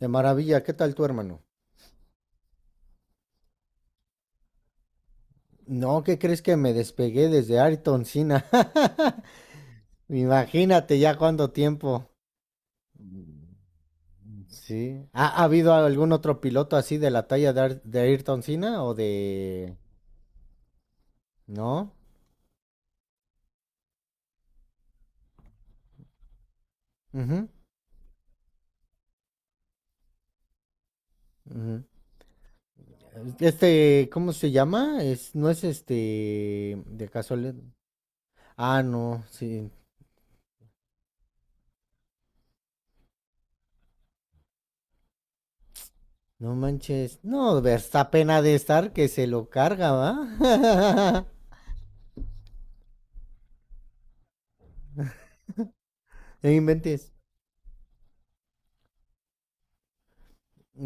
De maravilla, ¿qué tal tu hermano? No, ¿qué crees que me despegué desde Ayrton Senna? Imagínate ya cuánto tiempo. Sí. ¿Ha habido algún otro piloto así de la talla de Ayrton Senna o de... ¿No? Ujú, ujú. Este, ¿cómo se llama? Es, no es este de casualidad. Ah, no, sí. No manches. No, Verstappen ha de estar que se lo carga, ¿va? No inventes.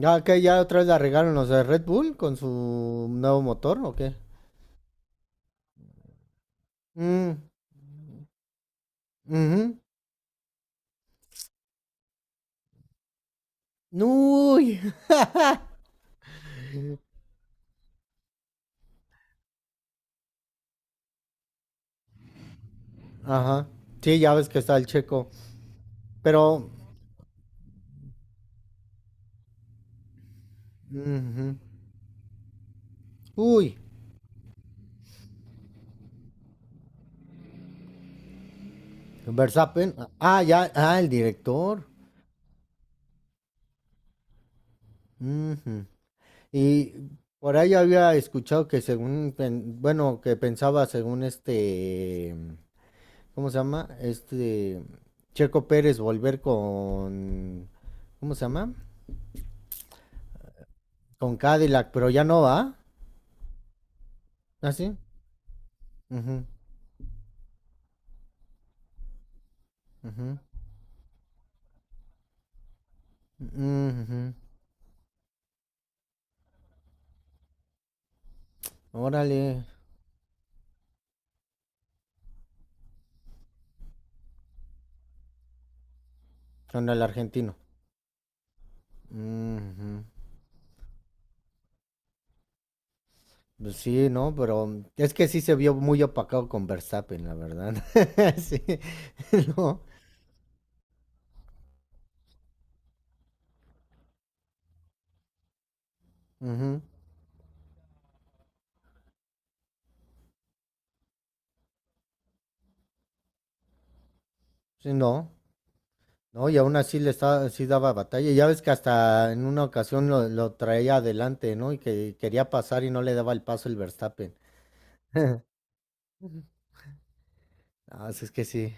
¿Ya que ya otra vez la regaron los de Red Bull con su nuevo motor o qué? Mm, ujú. Uy. Ajá. Sí, ya ves que está el Checo. Pero. Ujú. Uy. Verstappen. Ah, ya. Ah, el director. Ujú. Y por ahí había escuchado que según, bueno, que pensaba según este. ¿Cómo se llama? Este. Checo Pérez volver con. ¿Cómo se llama? Con Cadillac, pero ya no va. ¿Así? Ujú, ujú, ujú. Órale, con el argentino. Ujú. Pues sí, ¿no? Pero es que sí se vio muy opacado con Verstappen, la verdad. Sí, no. Ujú. Sí, no. No, y aún así le estaba, sí daba batalla. Ya ves que hasta en una ocasión lo traía adelante, ¿no? Y que quería pasar y no le daba el paso el Verstappen. Ujú. Ah, sí, es que sí.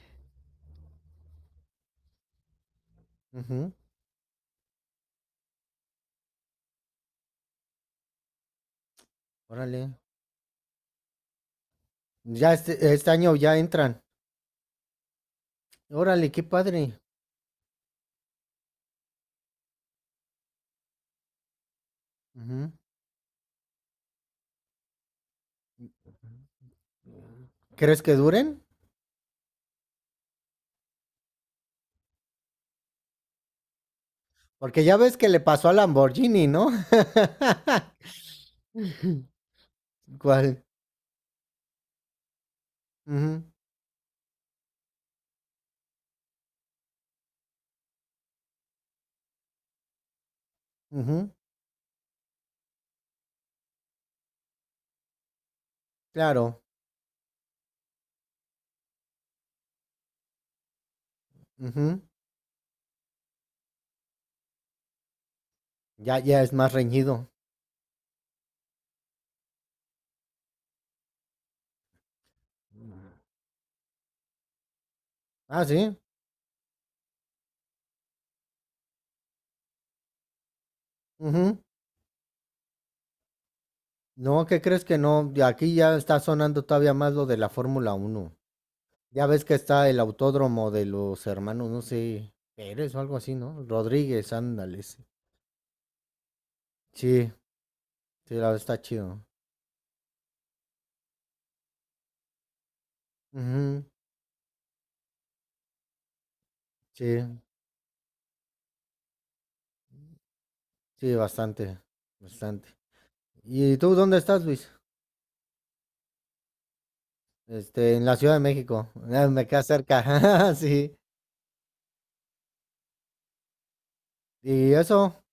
Ujú. Órale. Ya este año ya entran. Órale, qué padre. Ujú. ¿Crees que duren? Porque ya ves que le pasó a Lamborghini, ¿no? ¿Cuál? Ujú, ujú. Claro. Ujú. Ya, ya es más reñido. Ah, sí. Ujú. No, ¿qué crees que no? De aquí ya está sonando todavía más lo de la Fórmula Uno. Ya ves que está el autódromo de los hermanos, no sé, Pérez o algo así, ¿no? Rodríguez, ándale. Sí, sí, sí, la verdad está chido. Sí, sí, bastante, bastante. ¿Y tú dónde estás, Luis? Este, en la Ciudad de México. Ah, me queda cerca. Sí. ¿Y eso?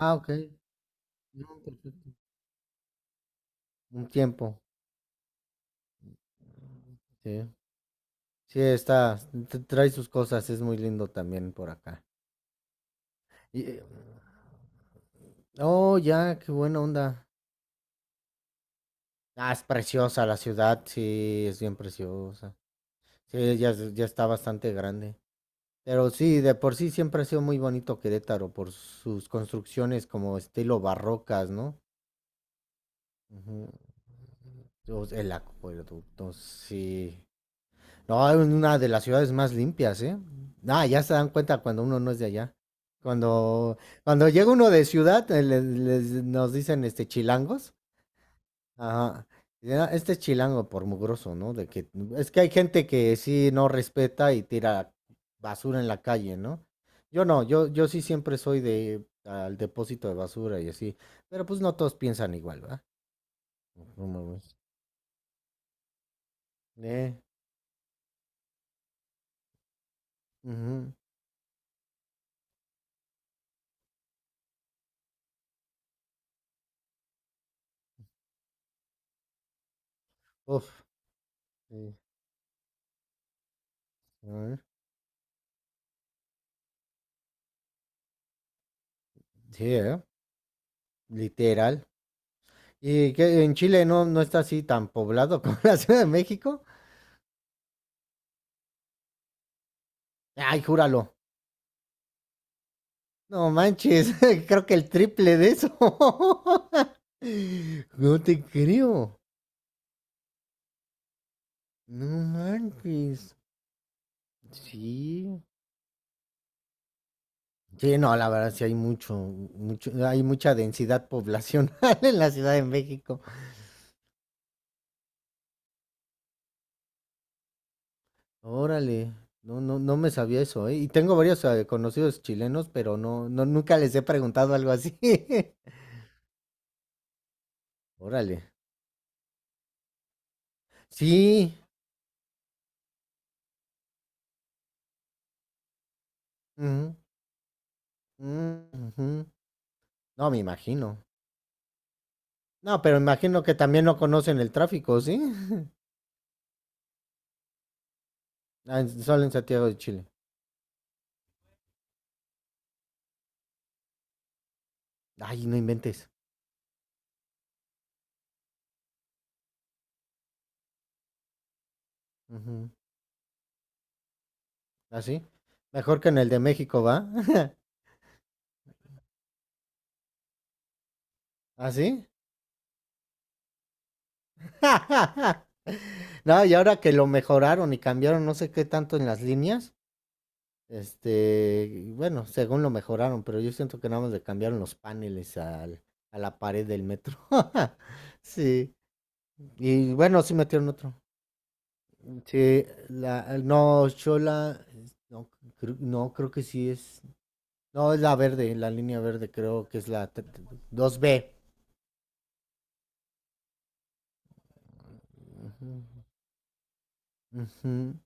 Ah, ok. No, perfecto. Un tiempo. Sí. Sí, está. Trae sus cosas. Es muy lindo también por acá. Y, oh, ya, qué buena onda. Ah, es preciosa la ciudad. Sí, es bien preciosa. Sí, ya, ya está bastante grande. Pero sí, de por sí siempre ha sido muy bonito Querétaro por sus construcciones como estilo barrocas, ¿no? Ujú. O sea, el acueducto, sí. No, es una de las ciudades más limpias, ¿eh? Ah, ya se dan cuenta cuando uno no es de allá. Cuando, cuando llega uno de ciudad, nos dicen este chilangos. Ajá. Y era este es chilango por mugroso, ¿no? De que es que hay gente que sí no respeta y tira basura en la calle, ¿no? Yo no, yo sí siempre soy de al depósito de basura y así. Pero pues no todos piensan igual, ¿verdad? No mames. Eh, Ujú. Uf, sí. A ver. Sí, ¿eh? Literal. ¿Y que en Chile no, no está así tan poblado como la Ciudad de México? Ay, júralo. No manches, creo que el triple de eso. No te creo. No manches. Sí. Sí, no, la verdad sí hay mucho, mucho, hay mucha densidad poblacional en la Ciudad de México. Órale. No, no, no me sabía eso, ¿eh? Y tengo varios conocidos chilenos, pero no, no, nunca les he preguntado algo así. Órale. Sí. Ujú, mm, ujú. No, me imagino. No, pero imagino que también no conocen el tráfico, ¿sí? Ah, solo en Santiago de Chile. Ay, no inventes. Así. Mejor que en el de México, ¿va? Así. No, y ahora que lo mejoraron y cambiaron no sé qué tanto en las líneas, este, bueno, según lo mejoraron, pero yo siento que nada más le cambiaron los paneles al, a la pared del metro. Sí. Y bueno, sí metieron otro. Sí, la, no, Chola, no, no, creo que sí es. No, es la verde, la línea verde, creo que es la 2B. Ujú, ujú.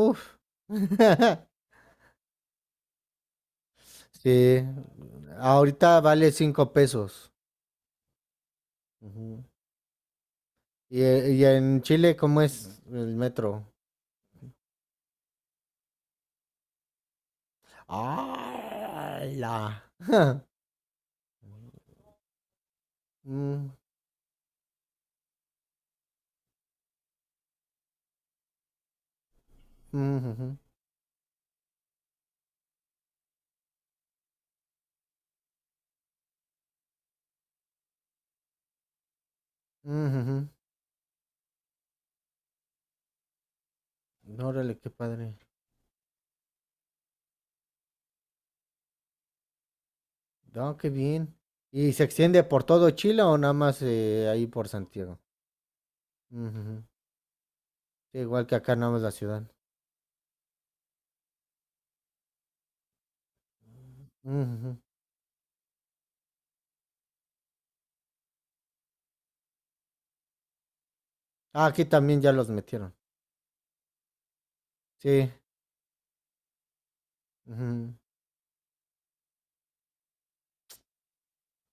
Uf. Sí. Ahorita vale 5 pesos. Ujú. Y en Chile, ¿cómo es el metro? ¡Hala! Mm, mm, ujú, mm, ujú. Órale, qué padre. No, qué bien. ¿Y se extiende por todo Chile o nada más ahí por Santiago? Mm, ujú. Sí, igual que acá nada más la ciudad. Mm, ujú. Ah, aquí también ya los metieron. Sí.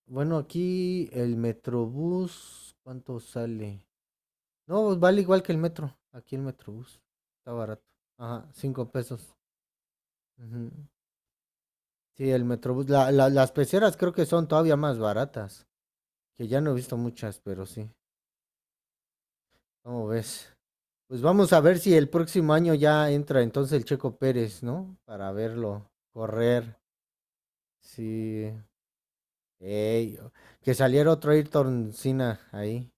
Bueno, aquí el Metrobús, ¿cuánto sale? No, pues vale igual que el metro. Aquí el Metrobús. Está barato. Ajá, 5 pesos. Ujú. Sí, el Metrobús. Las peceras creo que son todavía más baratas. Que ya no he visto muchas, pero sí. ¿Cómo ves? Pues vamos a ver si el próximo año ya entra entonces el Checo Pérez, ¿no? Para verlo correr. Sí. Ey, que saliera otro Ayrton Senna ahí.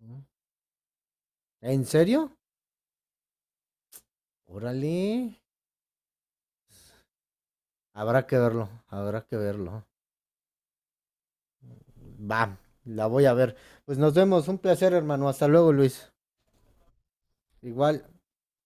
¿No? ¿En serio? Órale. Habrá que verlo, habrá que verlo. Va, la voy a ver. Pues nos vemos, un placer, hermano. Hasta luego, Luis. Igual.